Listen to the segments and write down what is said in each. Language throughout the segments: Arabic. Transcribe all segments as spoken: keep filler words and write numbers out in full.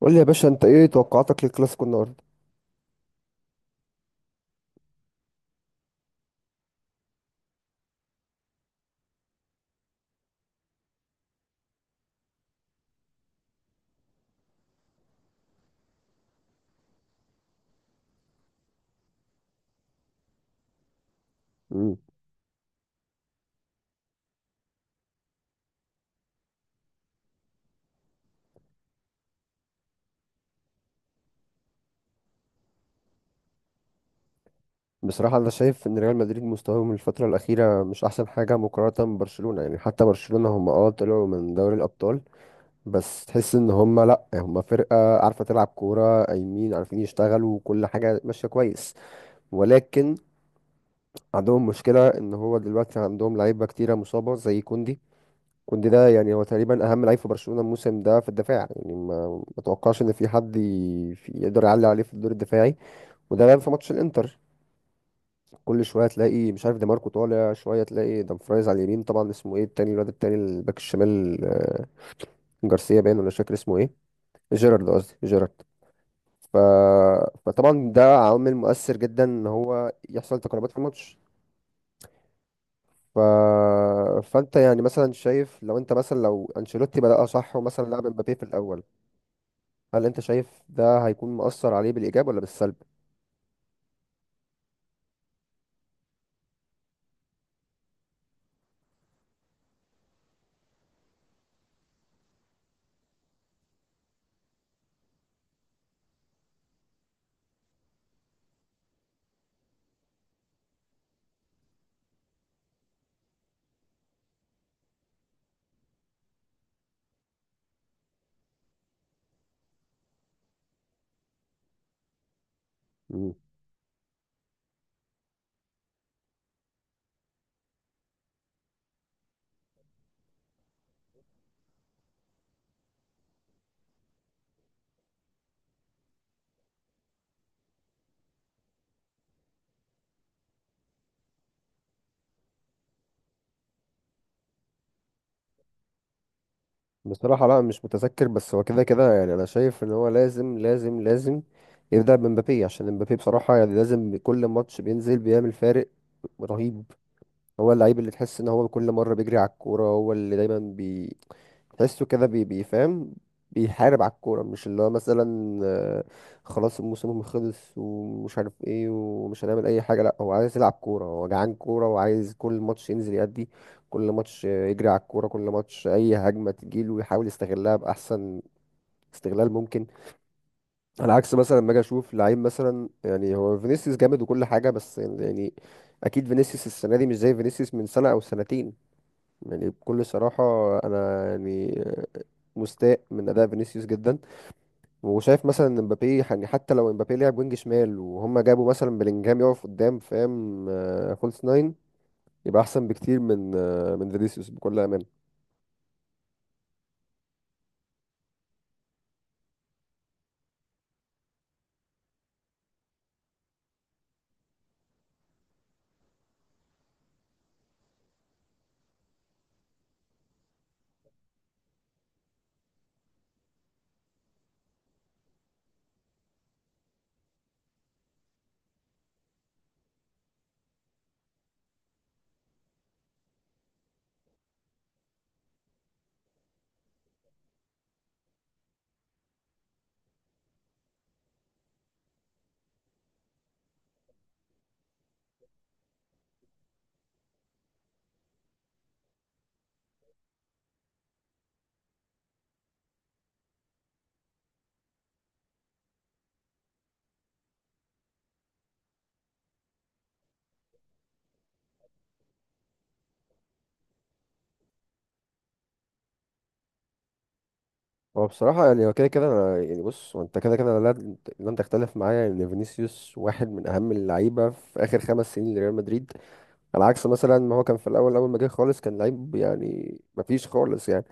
قول لي يا باشا، انت ايه توقعاتك للكلاسيكو النهارده؟ امم. بصراحه انا شايف ان ريال مدريد مستواهم الفتره الاخيره مش احسن حاجه مقارنه ببرشلونه، يعني حتى برشلونه هم اه طلعوا من دوري الابطال. بس تحس ان هم، لا، هم فرقه عارفه تلعب كوره، قايمين عارفين يشتغلوا وكل حاجه ماشيه كويس. ولكن عندهم مشكله ان هو دلوقتي عندهم لعيبه كتيره مصابه زي كوندي. كوندي ده يعني هو تقريبا اهم لعيب في برشلونه الموسم ده في الدفاع، يعني ما ما اتوقعش ان في حد ي- في- يقدر يعلي عليه في الدور الدفاعي. وده بان في ماتش الانتر. كل شويه تلاقي مش عارف دي ماركو طالع، شويه تلاقي دامفرايز على اليمين، طبعا اسمه ايه التاني، الواد التاني الباك الشمال، آه، جارسيا باين ولا مش فاكر اسمه ايه. جيرارد قصدي، جيرارد. ف... فطبعا ده عامل مؤثر جدا ان هو يحصل تقلبات في الماتش. ف... فانت يعني مثلا شايف لو انت مثلا لو انشيلوتي بدأ صح ومثلا لعب مبابي في الاول، هل انت شايف ده هيكون مؤثر عليه بالايجاب ولا بالسلب؟ بصراحة لا مش متذكر، بس هو كده كده يعني أنا شايف إن هو لازم لازم لازم يبدأ بمبابي، عشان مبابي بصراحة يعني لازم كل ماتش بينزل بيعمل فارق رهيب. هو اللعيب اللي تحس ان هو كل مره بيجري على الكوره، هو اللي دايما بي تحسه كده بي بيفهم، بيحارب على الكوره، مش اللي هو مثلا آه، خلاص الموسم خلص ومش عارف ايه ومش هنعمل اي حاجه. لا، هو عايز يلعب كوره، هو جعان كوره وعايز كل ماتش ينزل يأدي. كل ماتش آه، يجري على الكوره، كل ماتش اي هجمه تجيله ويحاول يستغلها باحسن استغلال ممكن. على عكس مثلا لما اجي اشوف لعيب مثلا، يعني هو فينيسيوس جامد وكل حاجه، بس يعني اكيد فينيسيوس السنه دي مش زي فينيسيوس من سنه او سنتين. يعني بكل صراحة، أنا يعني مستاء من أداء فينيسيوس جدا، وشايف مثلا إن مبابي يعني حتى لو مبابي لعب وينج شمال وهم جابوا مثلا بلينجهام يقف قدام، فاهم، آه، فولس ناين، يبقى أحسن بكتير من آه، من فينيسيوس بكل أمانة. هو بصراحة يعني هو كده كده أنا يعني بص، هو أنت كده كده لا لن تختلف معايا إن فينيسيوس واحد من أهم اللعيبة في آخر خمس سنين لريال مدريد. على عكس مثلا ما هو كان في الأول، أول ما جه خالص كان لعيب يعني مفيش خالص يعني.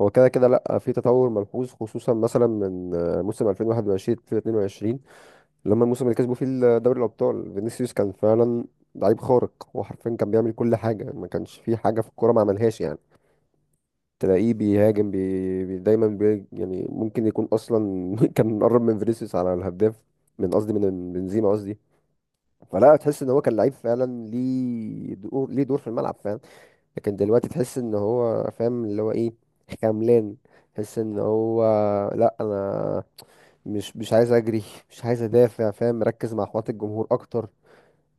هو كده كده لا في تطور ملحوظ خصوصا مثلا من آه، موسم ألفين وواحد وعشرين ألفين واثنين وعشرين، لما الموسم اللي كسبوا فيه دوري الابطال فينيسيوس كان فعلا لعيب خارق وحرفيا كان بيعمل كل حاجه، ما كانش في حاجه في الكوره ما عملهاش يعني. تلاقيه بيهاجم بي... بي دايما بي... يعني ممكن يكون اصلا كان قرب من فينيسيوس على الهداف، من قصدي من بنزيما قصدي. فلا تحس ان هو كان لعيب فعلا، ليه دور ليه دور في الملعب فعلا. لكن دلوقتي تحس ان هو فاهم اللي هو ايه، خملان. تحس ان هو لا انا مش مش عايز اجري، مش عايز ادافع، فاهم، مركز مع احوات الجمهور اكتر.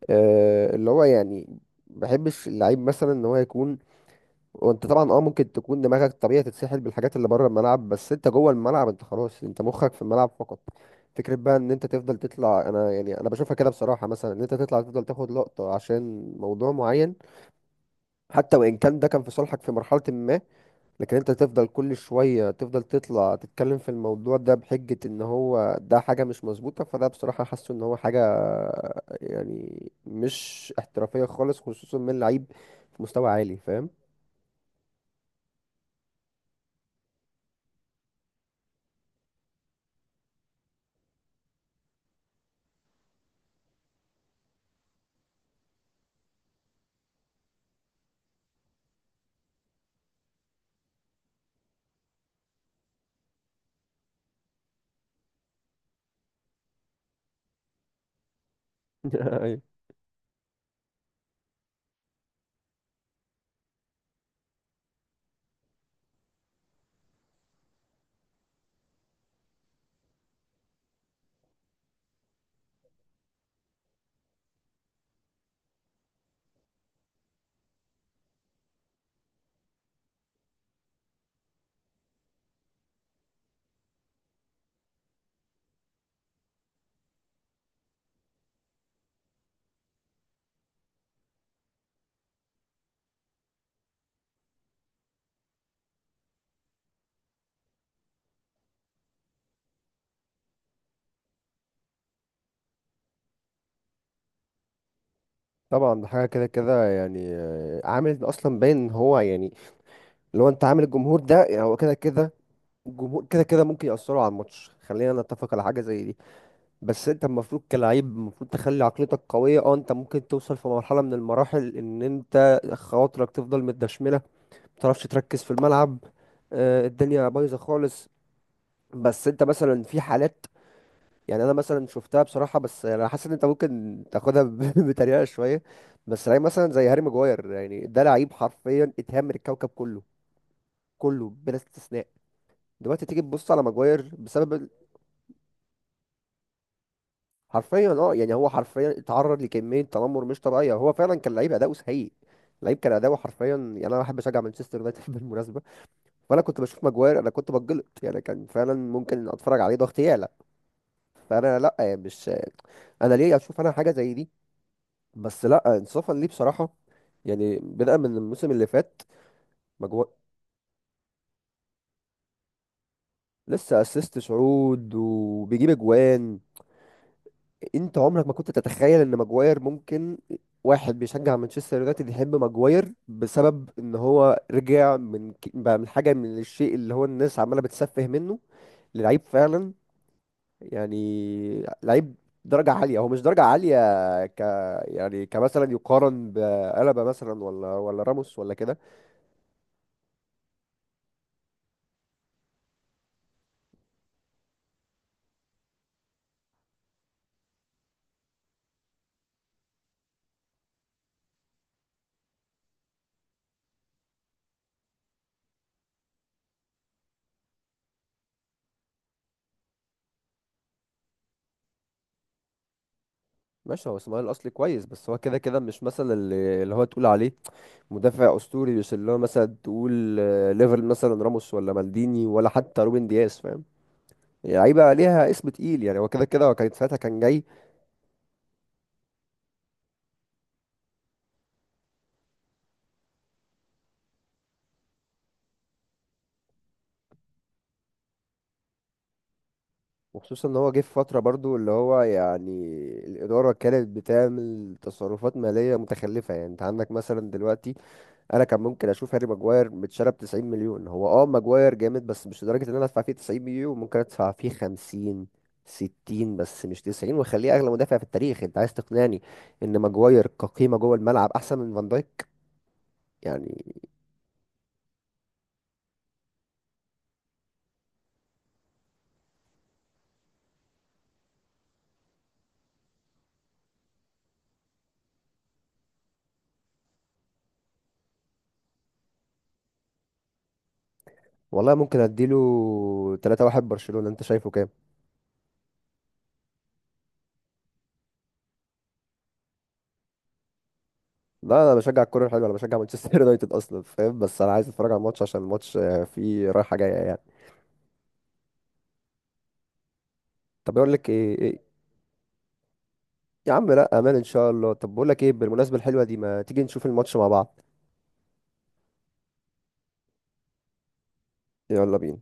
أه اللي هو يعني ما بحبش اللعيب مثلا ان هو يكون. وانت طبعا اه ممكن تكون دماغك طبيعي تتسحل بالحاجات اللي بره الملعب، بس انت جوه الملعب انت خلاص، انت مخك في الملعب فقط. فكرة بقى ان انت تفضل تطلع، انا يعني انا بشوفها كده بصراحة، مثلا ان انت تطلع تفضل تاخد لقطة عشان موضوع معين، حتى وان كان ده كان في صالحك في مرحلة ما، لكن انت تفضل كل شوية تفضل تطلع تتكلم في الموضوع ده بحجة ان هو ده حاجة مش مظبوطة، فده بصراحة حاسه ان هو حاجة يعني مش احترافية خالص خصوصا من لعيب في مستوى عالي فاهم. أيوة. طبعا ده حاجة كده كده يعني آه، عامل اصلا باين ان هو يعني لو انت عامل الجمهور ده يعني هو كده كده الجمهور كده كده ممكن يأثروا على الماتش، خلينا نتفق على حاجة زي دي. بس انت المفروض كلاعب المفروض تخلي عقليتك قوية. اه انت ممكن توصل في مرحلة من المراحل ان انت خواطرك تفضل متدشملة، متعرفش تركز في الملعب، اه الدنيا بايظة خالص، بس انت مثلا في حالات يعني انا مثلا شفتها بصراحة، بس انا حاسس ان انت ممكن تاخدها ب- بطريقة شوية. بس لعيب مثلا زي هاري ماجواير، يعني ده لعيب حرفيا اتهمر الكوكب كله، كله بلا استثناء. دلوقتي تيجي تبص على ماجواير بسبب حرفيا اه يعني هو حرفيا اتعرض لكميه تنمر مش طبيعيه، هو فعلا كان لعيب اداؤه سيء، لعيب كان اداؤه حرفيا. يعني انا بحب اشجع مانشستر يونايتد بالمناسبه، فانا كنت بشوف ماجواير انا كنت بتجلط يعني، كان فعلا ممكن اتفرج عليه ضغط يعلى. فانا لا يعني مش انا ليه اشوف انا حاجه زي دي، بس لا انصافا ليه بصراحه، يعني بدأ من الموسم اللي فات. ماجواير لسه اسيست شعود وبيجيب اجوان. انت عمرك ما كنت تتخيل ان ماجواير ممكن، واحد بيشجع مانشستر يونايتد يحب ماجواير بسبب ان هو رجع من ك- بقى من حاجه، من الشيء اللي هو الناس عماله بتسفه منه للعيب فعلا. يعني لعيب درجه عاليه، هو مش درجه عاليه، ك يعني كمثلا يقارن بألابا مثلا ولا ولا راموس ولا كده. ماشي هو اسماعيل الاصلي كويس، بس هو كده كده مش مثلا اللي اللي هو تقول عليه مدافع اسطوري بيوصل له، مثلا تقول آه، ليفل مثلا راموس ولا مالديني ولا حتى روبن دياز فاهم، يعني لعيبه ليها اسم تقيل، يعني هو كده كده هو كان ساعتها كان جاي. وخصوصا ان هو جه في فتره برضو اللي هو يعني الاداره كانت بتعمل تصرفات ماليه متخلفه، يعني انت عندك مثلا دلوقتي انا كان ممكن اشوف هاري ماجواير متشرب تسعين مليون. هو اه ماجواير جامد بس مش لدرجه ان انا ادفع فيه تسعين مليون. ممكن ادفع فيه خمسين ستين بس مش تسعين واخليه اغلى مدافع في التاريخ. انت عايز تقنعني ان ماجواير كقيمه جوه الملعب احسن من فان دايك يعني؟ والله ممكن اديله تلاتة واحد برشلونه، انت شايفه كام؟ لا انا بشجع الكوره الحلوه، انا بشجع مانشستر يونايتد اصلا فاهم، بس انا عايز اتفرج على الماتش عشان الماتش آه، فيه رايحه جايه يعني. طب اقول لك ايه, إيه؟ يا عم لا امان ان شاء الله. طب بقول لك ايه بالمناسبه الحلوه دي، ما تيجي نشوف الماتش مع بعض؟ يلا بينا.